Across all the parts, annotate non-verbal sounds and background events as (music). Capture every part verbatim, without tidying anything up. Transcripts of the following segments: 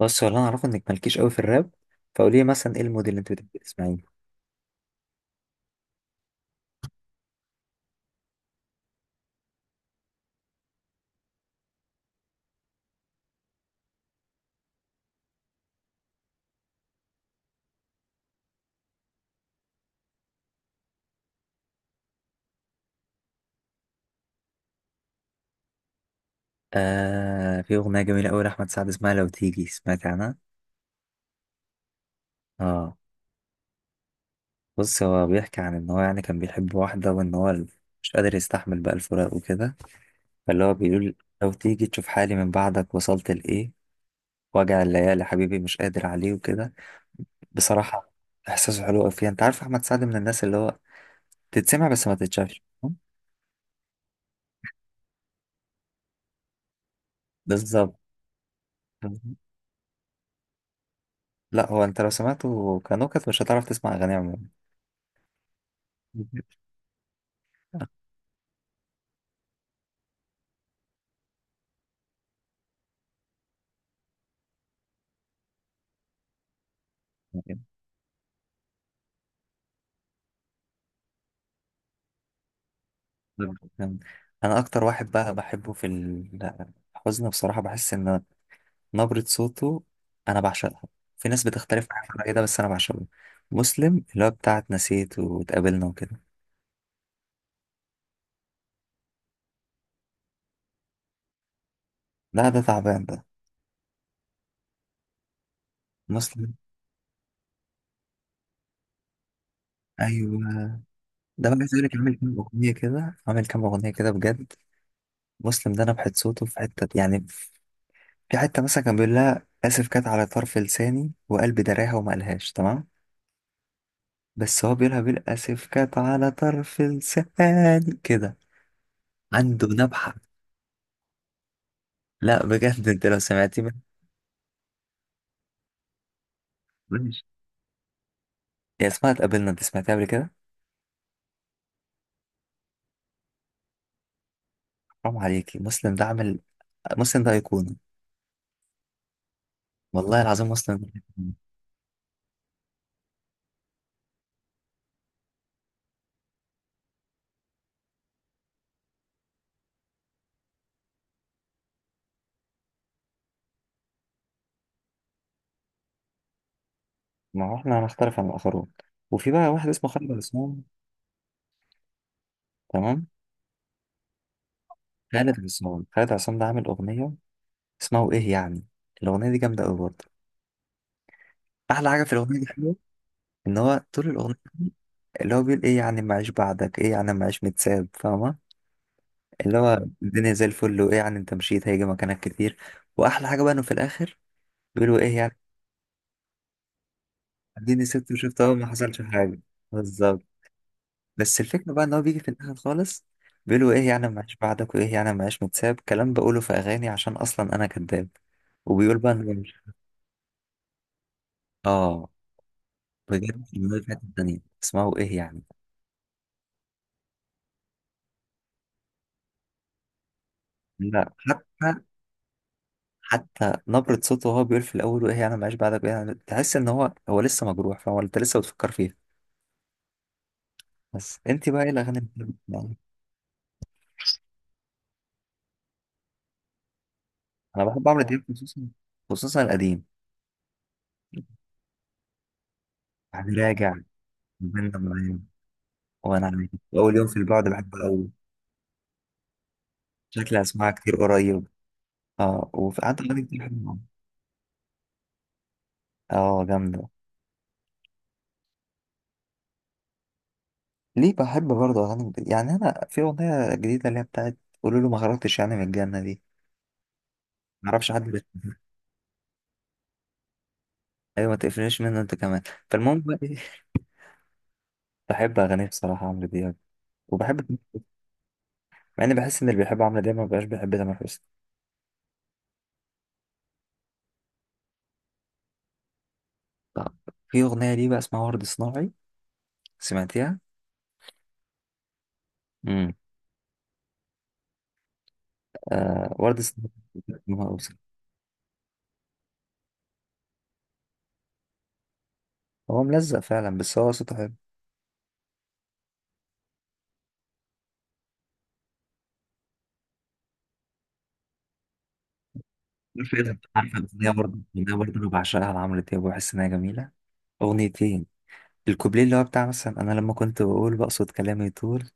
بس هو اللي انا اعرفه انك مالكيش قوي في الراب. فقولي لي مثلا ايه الموديل اللي انت بتحبي تسمعيه؟ آه، في اغنيه جميله قوي لاحمد سعد اسمها لو تيجي، سمعت عنها؟ اه. بص، هو بيحكي عن ان هو يعني كان بيحب واحده وان هو مش قادر يستحمل بقى الفراق وكده. فاللي هو بيقول: لو تيجي تشوف حالي من بعدك وصلت لايه، وجع الليالي حبيبي مش قادر عليه وكده. بصراحه احساسه حلو قوي فيها. انت عارف احمد سعد من الناس اللي هو تتسمع بس ما تتشافش. بالظبط. لا هو انت لو سمعته كنكت مش هتعرف تسمع اغانيه عموما. انا اكتر واحد بقى بحبه في الحزن، بصراحة بحس ان نبرة صوته انا بعشقها. في ناس بتختلف معايا في الرأي ده بس انا بعشقه. مسلم، اللي هو بتاعت نسيت واتقابلنا وكده. لا ده تعبان ده. مسلم. ايوه، ده بقى عايز اقول لك، عامل كام اغنية كده، عامل كام اغنية كده بجد. مسلم ده نبحة صوته في حتة يعني، في حتة مثلا كان بيقول لها اسف كانت على طرف لساني وقلبي دراها وما قالهاش تمام. بس هو بيقولها بالاسف كانت على طرف لساني كده. عنده نبحة. لا بجد انت لو سمعتي منها. ماشي. يا اسمها اتقابلنا، انت سمعتيها قبل كده؟ حرام عليكي، مسلم ده عامل، مسلم ده ايقونة. والله العظيم مسلم ده أيقونة. ما هو احنا هنختلف عن الاخرون. وفي بقى واحد اسمه خالد عصام. تمام. خالد عصام، خالد عصام ده عامل اغنية اسمها وايه يعني. الاغنية دي جامدة قوي برضه. احلى حاجة في الاغنية دي حلوه ان هو طول الاغنية اللي هو بيقول ايه يعني ما اعيش بعدك، ايه يعني ما اعيش متساب، فاهمة؟ اللي هو الدنيا زي الفل وايه يعني انت مشيت هيجي مكانك كتير. واحلى حاجه بقى انه في الاخر بيقولوا ايه يعني اديني ست وشفت اهو ما حصلش حاجه، بالظبط. بس الفكره بقى ان هو بيجي في الاخر خالص بيقولوا ايه يعني ما عايش بعدك، وايه يعني ما عايش متساب، كلام بقوله في اغاني عشان اصلا انا كذاب. وبيقول بقى إن هو مش-. اه. بجد الموضوع في حته تانيه اسمعوا ايه يعني. لا حتى، حتى نبرة صوته وهو بيقول في الأول وإيه أنا معيش بعدك وإيه يعني تحس إن هو هو لسه مجروح، فهو أنت لسه بتفكر فيه. بس أنت بقى إيه الأغاني اللي بتحبي؟ انا بحب عمرو دياب، خصوصا خصوصا القديم. يعني راجع، بند معايا، وانا عايز، اول يوم في البعد، بحبه قوي. شكلي هسمعها كتير قريب. اه وفي قعدت اغاني كتير حلوه. اه جامده. ليه بحب برضه اغاني جديدة؟ يعني انا في اغنيه جديده اللي هي بتاعت قولوا له ما خرجتش يعني من الجنه دي. معرفش حد بيحبها. ايوه ما تقفلنيش منه انت كمان. فالمهم بقى إيه، بحب اغانيه بصراحه، عمرو دياب. وبحب مع اني بحس ان اللي بيحب عمرو دياب ما بيبقاش بيحب تامر حسني. طب في اغنيه ليه بقى اسمها ورد صناعي، سمعتيها؟ آه، ورد السحاب. لما أوصل. هو ملزق فعلا بس هو صوته حلو. عارف ايه ده، عارف الاغنيه برضه الاغنيه برضه انا بعشقها لعمرو دياب وبحس انها جميله. اغنيتين. الكوبليه اللي هو بتاع مثلا انا لما كنت بقول بقصد كلامي طول.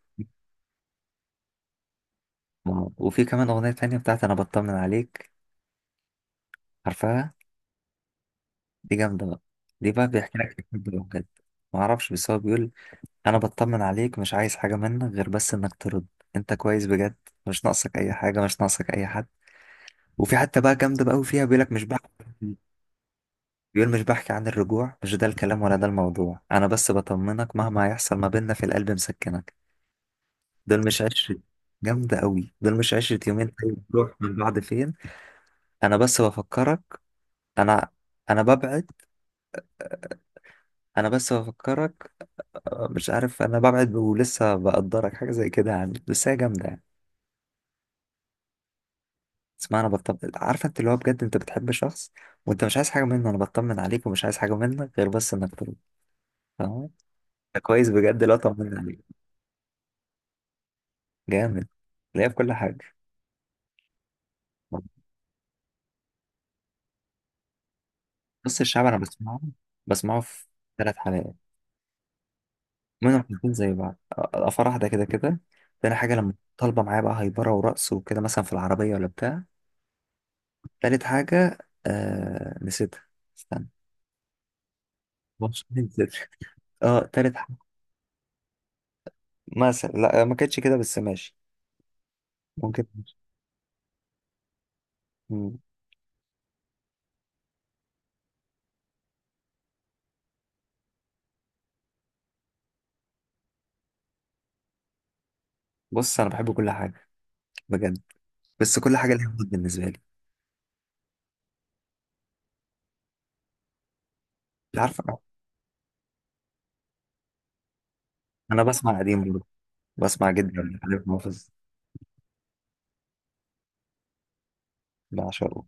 آه، وفي كمان اغنيه تانية بتاعت انا بطمن عليك، عارفها؟ دي جامده بقى، دي بقى بيحكي لك الحب ده بجد. ما اعرفش بس هو بيقول: انا بطمن عليك مش عايز حاجه منك غير بس انك ترد انت كويس بجد، مش ناقصك اي حاجه مش ناقصك اي حد. وفي حتى بقى جامده بقى وفيها بيقول لك مش بقى بيقول مش بحكي عن الرجوع مش ده الكلام ولا ده الموضوع انا بس بطمنك مهما هيحصل ما بيننا في القلب مسكنك. دول مش عشرة. جامدة قوي. دول مش عشرة يومين طيب تروح من بعض فين. انا بس بفكرك، انا انا ببعد، انا بس بفكرك، مش عارف انا ببعد ولسه بقدرك. حاجة زي كده يعني بس هي جامدة يعني. اسمع، انا بطمن، عارفه انت اللي هو بجد انت بتحب شخص وانت مش عايز حاجه منه. انا بطمن عليك ومش عايز حاجه منك غير بس انك تروح، فاهم؟ ده كويس بجد، لا طمن عليك. جامد. ليا في كل حاجه. نص الشعب انا بسمعه بسمعه في ثلاث حلقات، منهم حلقتين زي بعض، الافراح واحده كده كده. تاني حاجه لما طالبه معايا بقى هايبره ورقص وكده مثلا في العربيه ولا بتاع. تالت حاجه، آه نسيتها، استنى، مش (laughs) نسيتها. اه تالت حاجه مثلا لا ما كانتش كده بس ماشي، ممكن. مم. بص انا بحب كل حاجه بجد، بس كل حاجه ليها مود بالنسبه لي. مش عارفه. انا بسمع قديم برضه، بسمع جدا، عارف حافظ، بعشقه.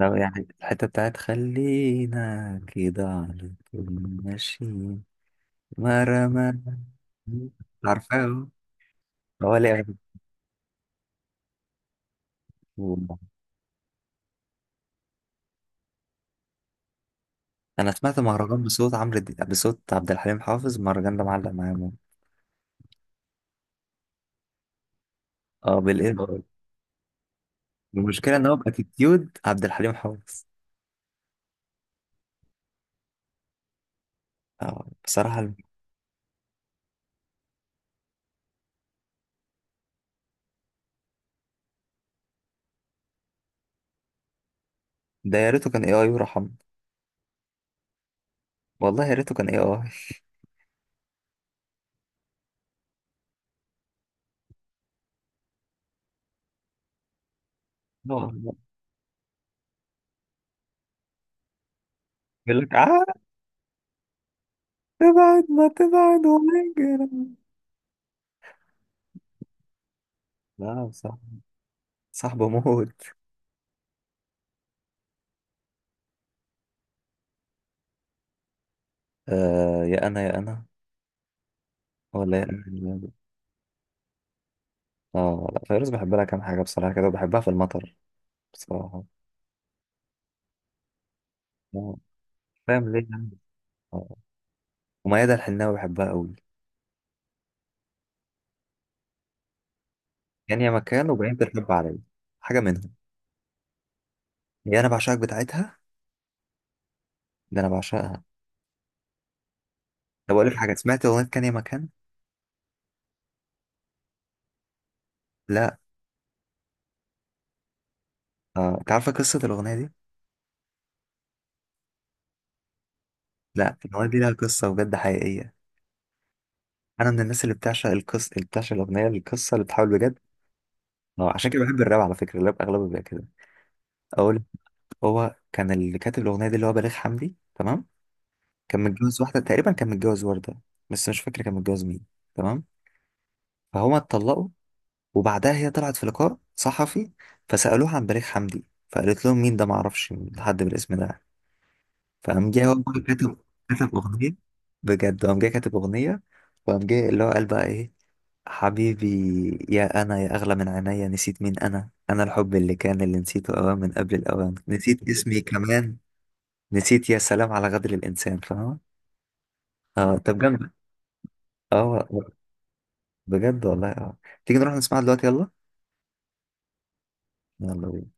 لو يعني الحتة بتاعت خلينا كده على طول ماشيين مرمى. عارفاه اه. هو ليه أغاني-. كتير. أنا سمعت مهرجان بصوت عمرو دي... بصوت عبد الحليم حافظ، المهرجان ده معلق معايا موت. اه بالإيه. المشكلة إن هو بأتيتيود عبد الحليم حافظ. آه بصراحة. ده يا ريته كان إيه آي ورحمه. والله يا ريته كان إيه آي. آه، يقول لك آه. تبعد ما تبعد وما يجرى. لا صاحب، صاحبه موت. آه يا أنا يا أنا ولا يا أجنبي؟ اه. لا فيروز بحب لها كام حاجة بصراحة كده، وبحبها في المطر بصراحة. آه، فاهم ليه يعني. آه. وميادة الحناوي بحبها قوي. يعني يا مكان وبعدين الحب عليا، حاجة منهم. يا أنا بعشقك بتاعتها. ده أنا بعشقها. طب أقول لك حاجة، سمعت أغنية كان يا مكان؟ لا. آه. أنت عارفة قصة الأغنية دي؟ لا الأغنية دي لها قصة بجد حقيقية. أنا من الناس اللي بتعشق القصة، اللي بتعشق الأغنية القصة، اللي بتحاول بجد. اه عشان كده بحب الراب، على فكرة الراب أغلبه بيبقى كده. أقول. هو كان اللي كاتب الأغنية دي اللي هو بليغ حمدي تمام. كان متجوز واحدة تقريبا، كان متجوز وردة، بس مش فاكر كان متجوز مين. تمام. فهما اتطلقوا وبعدها هي طلعت في لقاء صحفي، فسألوها عن بليغ حمدي، فقالت لهم مين ده، معرفش حد بالاسم ده يعني. فقام جاي هو بقى كاتب كاتب أغنية، بجد قام جاي كاتب أغنية، وقام جاي اللي هو قال بقى إيه: حبيبي يا أنا يا أغلى من عينيا، نسيت مين أنا، أنا الحب اللي كان اللي نسيته أوان من قبل الأوان، نسيت اسمي كمان، نسيت يا سلام على غدر الإنسان، فاهمة؟ اه طب جامد. اه بجد والله اه. تيجي نروح نسمعها دلوقتي يلا. يلا بينا.